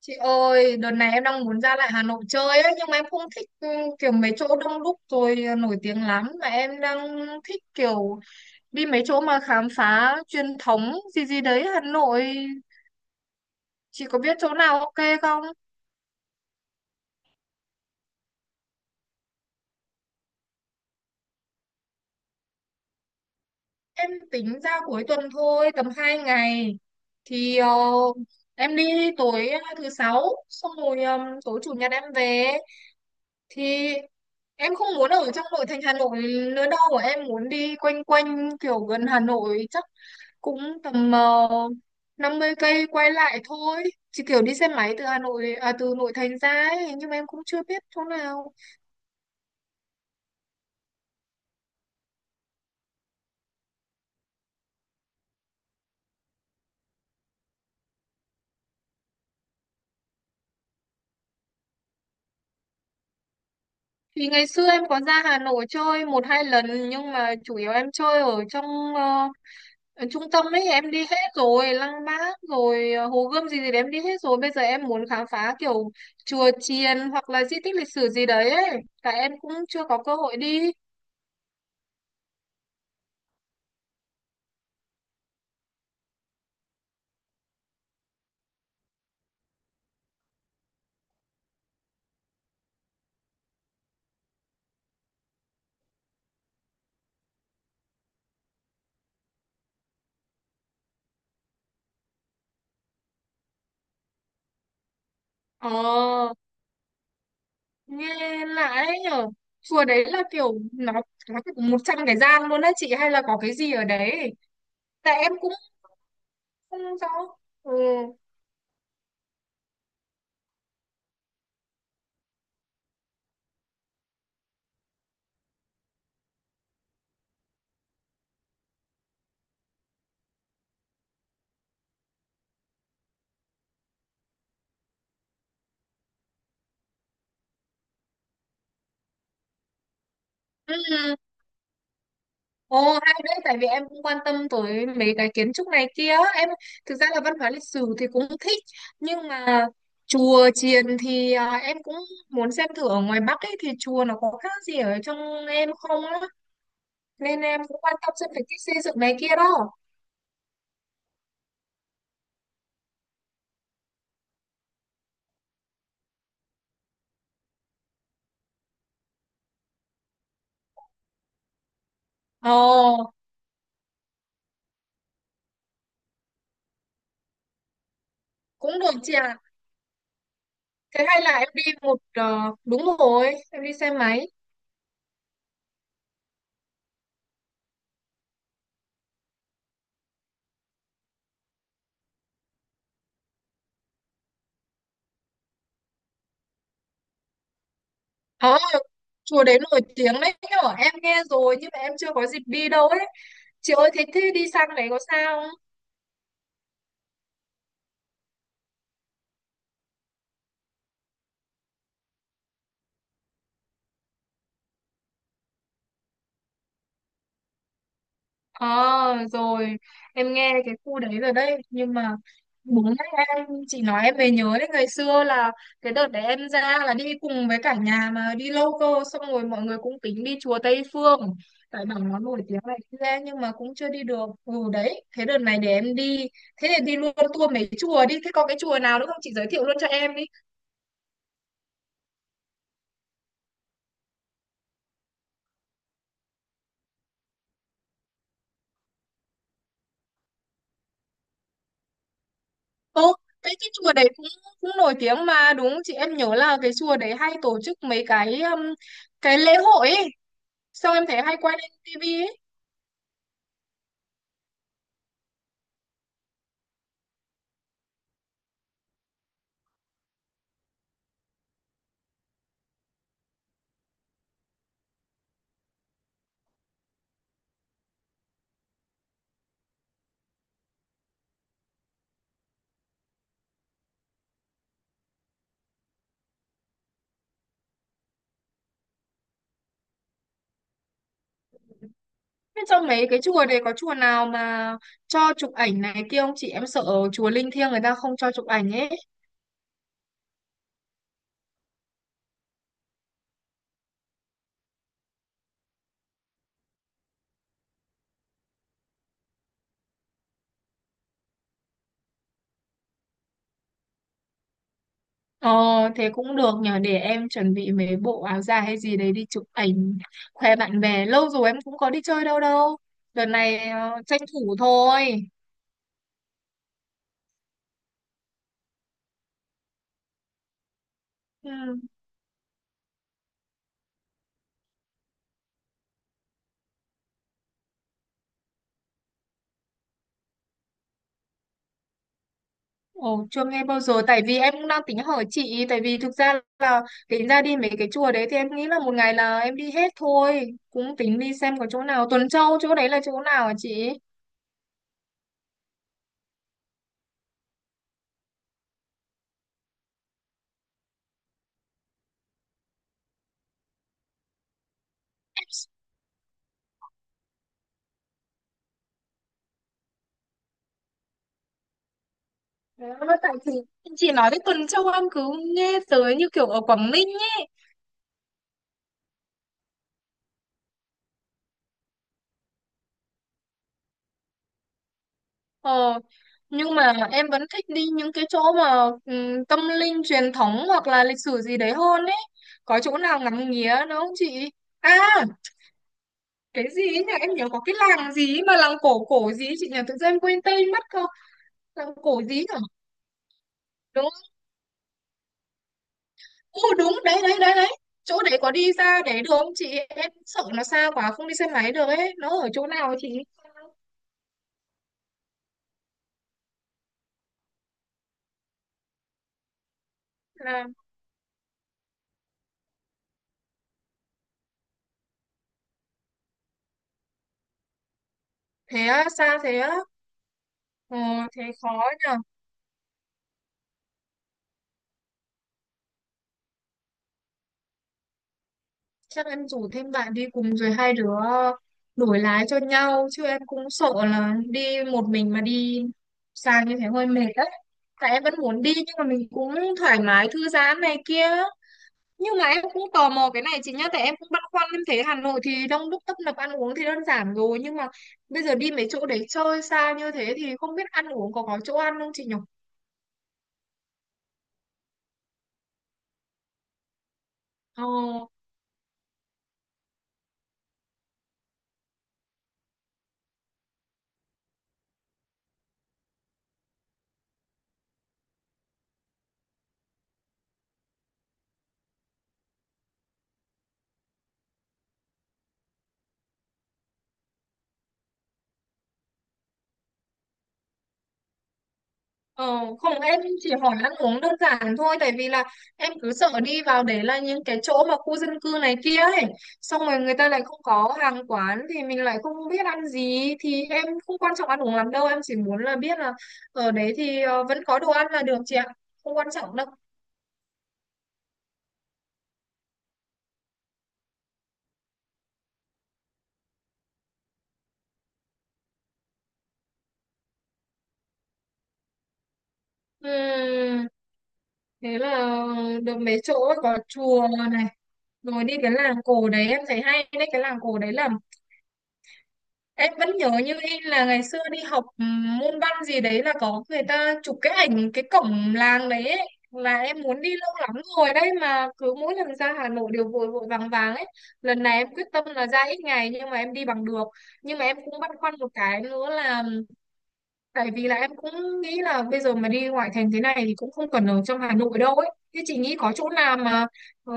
Chị ơi, đợt này em đang muốn ra lại Hà Nội chơi ấy, nhưng mà em không thích kiểu mấy chỗ đông đúc rồi nổi tiếng lắm, mà em đang thích kiểu đi mấy chỗ mà khám phá truyền thống gì gì đấy Hà Nội. Chị có biết chỗ nào ok không? Em tính ra cuối tuần thôi, tầm 2 ngày. Thì em đi tối thứ sáu, xong rồi tối chủ nhật em về. Thì em không muốn ở trong nội thành Hà Nội nữa đâu, em muốn đi quanh quanh kiểu gần Hà Nội cũng tầm 50 cây quay lại thôi, chỉ kiểu đi xe máy từ Hà Nội à, từ nội thành ra ấy, nhưng mà em cũng chưa biết chỗ nào. Thì ngày xưa em có ra Hà Nội chơi một hai lần nhưng mà chủ yếu em chơi ờ, ở trung tâm ấy, em đi hết rồi, Lăng Bác rồi Hồ Gươm gì gì đấy em đi hết rồi. Bây giờ em muốn khám phá kiểu chùa chiền hoặc là di tích lịch sử gì đấy ấy, cả em cũng chưa có cơ hội đi. Ờ, nghe lạ đấy nhở. Chùa đấy là kiểu nó có 100 cái gian luôn á chị, hay là có cái gì ở đấy, tại em cũng không rõ. Ừ. Ừ. Ồ, hay đấy, tại vì em cũng quan tâm tới mấy cái kiến trúc này kia, em thực ra là văn hóa lịch sử thì cũng thích, nhưng mà chùa chiền thì em cũng muốn xem thử ở ngoài Bắc ấy thì chùa nó có khác gì ở trong em không á, nên em cũng quan tâm xem về cái xây dựng này kia đó. Ồ, cũng được chị ạ. Thế hay là em đi một ờ, Đúng rồi, em đi xe máy. Ờ, chùa đấy nổi tiếng đấy nhở, em nghe rồi nhưng mà em chưa có dịp đi đâu ấy. Chị ơi thế thế đi sang đấy có sao. Ờ, rồi em nghe cái khu đấy rồi đấy, nhưng mà đúng đấy, em chị nói em mới nhớ đấy, ngày xưa là cái đợt đấy em ra là đi cùng với cả nhà mà đi lâu cơ, xong rồi mọi người cũng tính đi chùa Tây Phương, tại bảo nó nổi tiếng này kia nhưng mà cũng chưa đi được. Ừ, đấy, thế đợt này để em đi, thế thì đi luôn tour mấy chùa đi, thế có cái chùa nào nữa không chị giới thiệu luôn cho em đi. Ô, cái chùa đấy cũng cũng nổi tiếng mà đúng không chị, em nhớ là cái chùa đấy hay tổ chức mấy cái lễ hội ấy. Xong em thấy hay quay lên tivi ấy. Thế trong mấy cái chùa đấy có chùa nào mà cho chụp ảnh này kia không chị? Em sợ chùa linh thiêng người ta không cho chụp ảnh ấy. Ờ, thế cũng được nhờ, để em chuẩn bị mấy bộ áo dài hay gì đấy đi chụp ảnh khoe bạn bè. Lâu rồi em cũng có đi chơi đâu đâu. Đợt này tranh thủ thôi. Ừ. Ồ, chưa nghe bao giờ, tại vì em cũng đang tính hỏi chị ý, tại vì thực ra là tính ra đi mấy cái chùa đấy thì em nghĩ là một ngày là em đi hết thôi, cũng tính đi xem có chỗ nào. Tuần Châu chỗ đấy là chỗ nào hả chị? Đấy, tại chị nói đến Tuần Châu em cứ nghe tới như kiểu ở Quảng Ninh ấy. ờ, nhưng mà em vẫn thích đi những cái chỗ mà tâm linh truyền thống hoặc là lịch sử gì đấy hơn ấy, có chỗ nào ngắm nghía nữa không chị? À, cái gì ấy nhỉ, em nhớ có cái làng gì ấy mà làng cổ cổ gì ấy chị nhỉ, tự nhiên em quên tên mất không, làng cổ gì nhỉ. Đúng. Ô đúng đấy, đấy đấy đấy Chỗ đấy có đi ra đấy được không chị, em sợ nó xa quá không đi xe máy được ấy, nó ở chỗ nào ấy chị? Là, thế á, xa thế á. Ờ, thế khó nhỉ. Chắc em rủ thêm bạn đi cùng rồi hai đứa đổi lái cho nhau, chứ em cũng sợ là đi một mình mà đi xa như thế hơi mệt đấy, tại em vẫn muốn đi nhưng mà mình cũng thoải mái thư giãn này kia. Nhưng mà em cũng tò mò cái này chị nhá, tại em cũng băn khoăn, em thấy Hà Nội thì đông đúc tấp nập, ăn uống thì đơn giản rồi, nhưng mà bây giờ đi mấy chỗ để chơi xa như thế thì không biết ăn uống có chỗ ăn không chị nhỉ? Ờ, ờ, không, em chỉ hỏi ăn uống đơn giản thôi, tại vì là em cứ sợ đi vào để là những cái chỗ mà khu dân cư này kia ấy, xong rồi người ta lại không có hàng quán, thì mình lại không biết ăn gì. Thì em không quan trọng ăn uống lắm đâu, em chỉ muốn là biết là ở đấy thì vẫn có đồ ăn là được chị ạ. Không quan trọng đâu. Ừm, thế là được mấy chỗ ấy, có chùa này, rồi đi cái làng cổ đấy em thấy hay đấy, cái làng cổ đấy là em vẫn nhớ như in là ngày xưa đi học môn văn gì đấy là có người ta chụp cái ảnh cái cổng làng đấy ấy, là em muốn đi lâu lắm rồi đấy, mà cứ mỗi lần ra Hà Nội đều vội vội vàng vàng ấy. Lần này em quyết tâm là ra ít ngày nhưng mà em đi bằng được. Nhưng mà em cũng băn khoăn một cái nữa là, tại vì là em cũng nghĩ là bây giờ mà đi ngoại thành thế này thì cũng không cần ở trong Hà Nội đâu ấy. Thế chị nghĩ có chỗ nào mà ờ,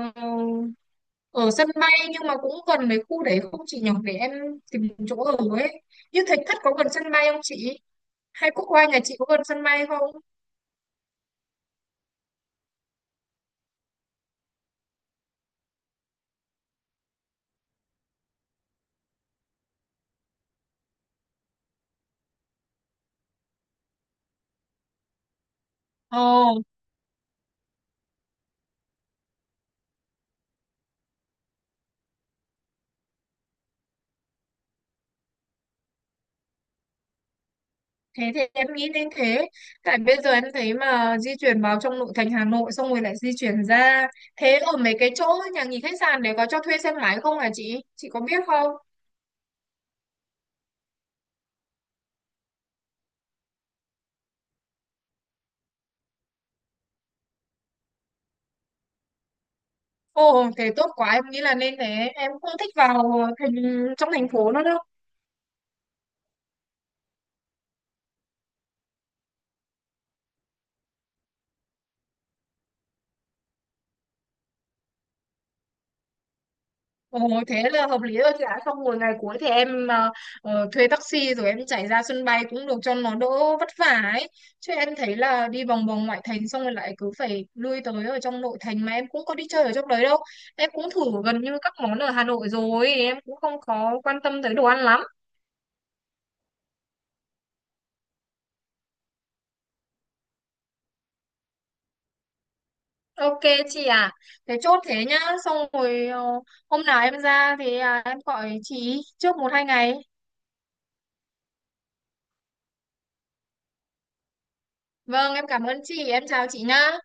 ở sân bay nhưng mà cũng gần cái khu đấy không chị nhỉ? Để em tìm chỗ ở ấy. Như Thạch Thất có gần sân bay không chị? Hay Quốc Oai nhà chị có gần sân bay không? Ồ, thế thì em nghĩ đến thế. Tại bây giờ em thấy mà di chuyển vào trong nội thành Hà Nội xong rồi lại di chuyển ra. Thế ở mấy cái chỗ nhà nghỉ khách sạn để có cho thuê xe máy không hả chị? Chị có biết không? Ồ, thế tốt quá, em nghĩ là nên thế. Em không thích vào thành trong thành phố nữa đâu. Ồ, thế là hợp lý rồi chị ạ. Xong rồi ngày cuối thì em thuê taxi rồi em chạy ra sân bay cũng được cho nó đỡ vất vả ấy. Chứ em thấy là đi vòng vòng ngoại thành xong rồi lại cứ phải lui tới ở trong nội thành mà em cũng có đi chơi ở trong đấy đâu. Em cũng thử gần như các món ở Hà Nội rồi, em cũng không có quan tâm tới đồ ăn lắm. Ok chị à, thế chốt thế nhá. Xong rồi hôm nào em ra thì em gọi chị trước một hai ngày. Vâng, em cảm ơn chị, em chào chị nhá.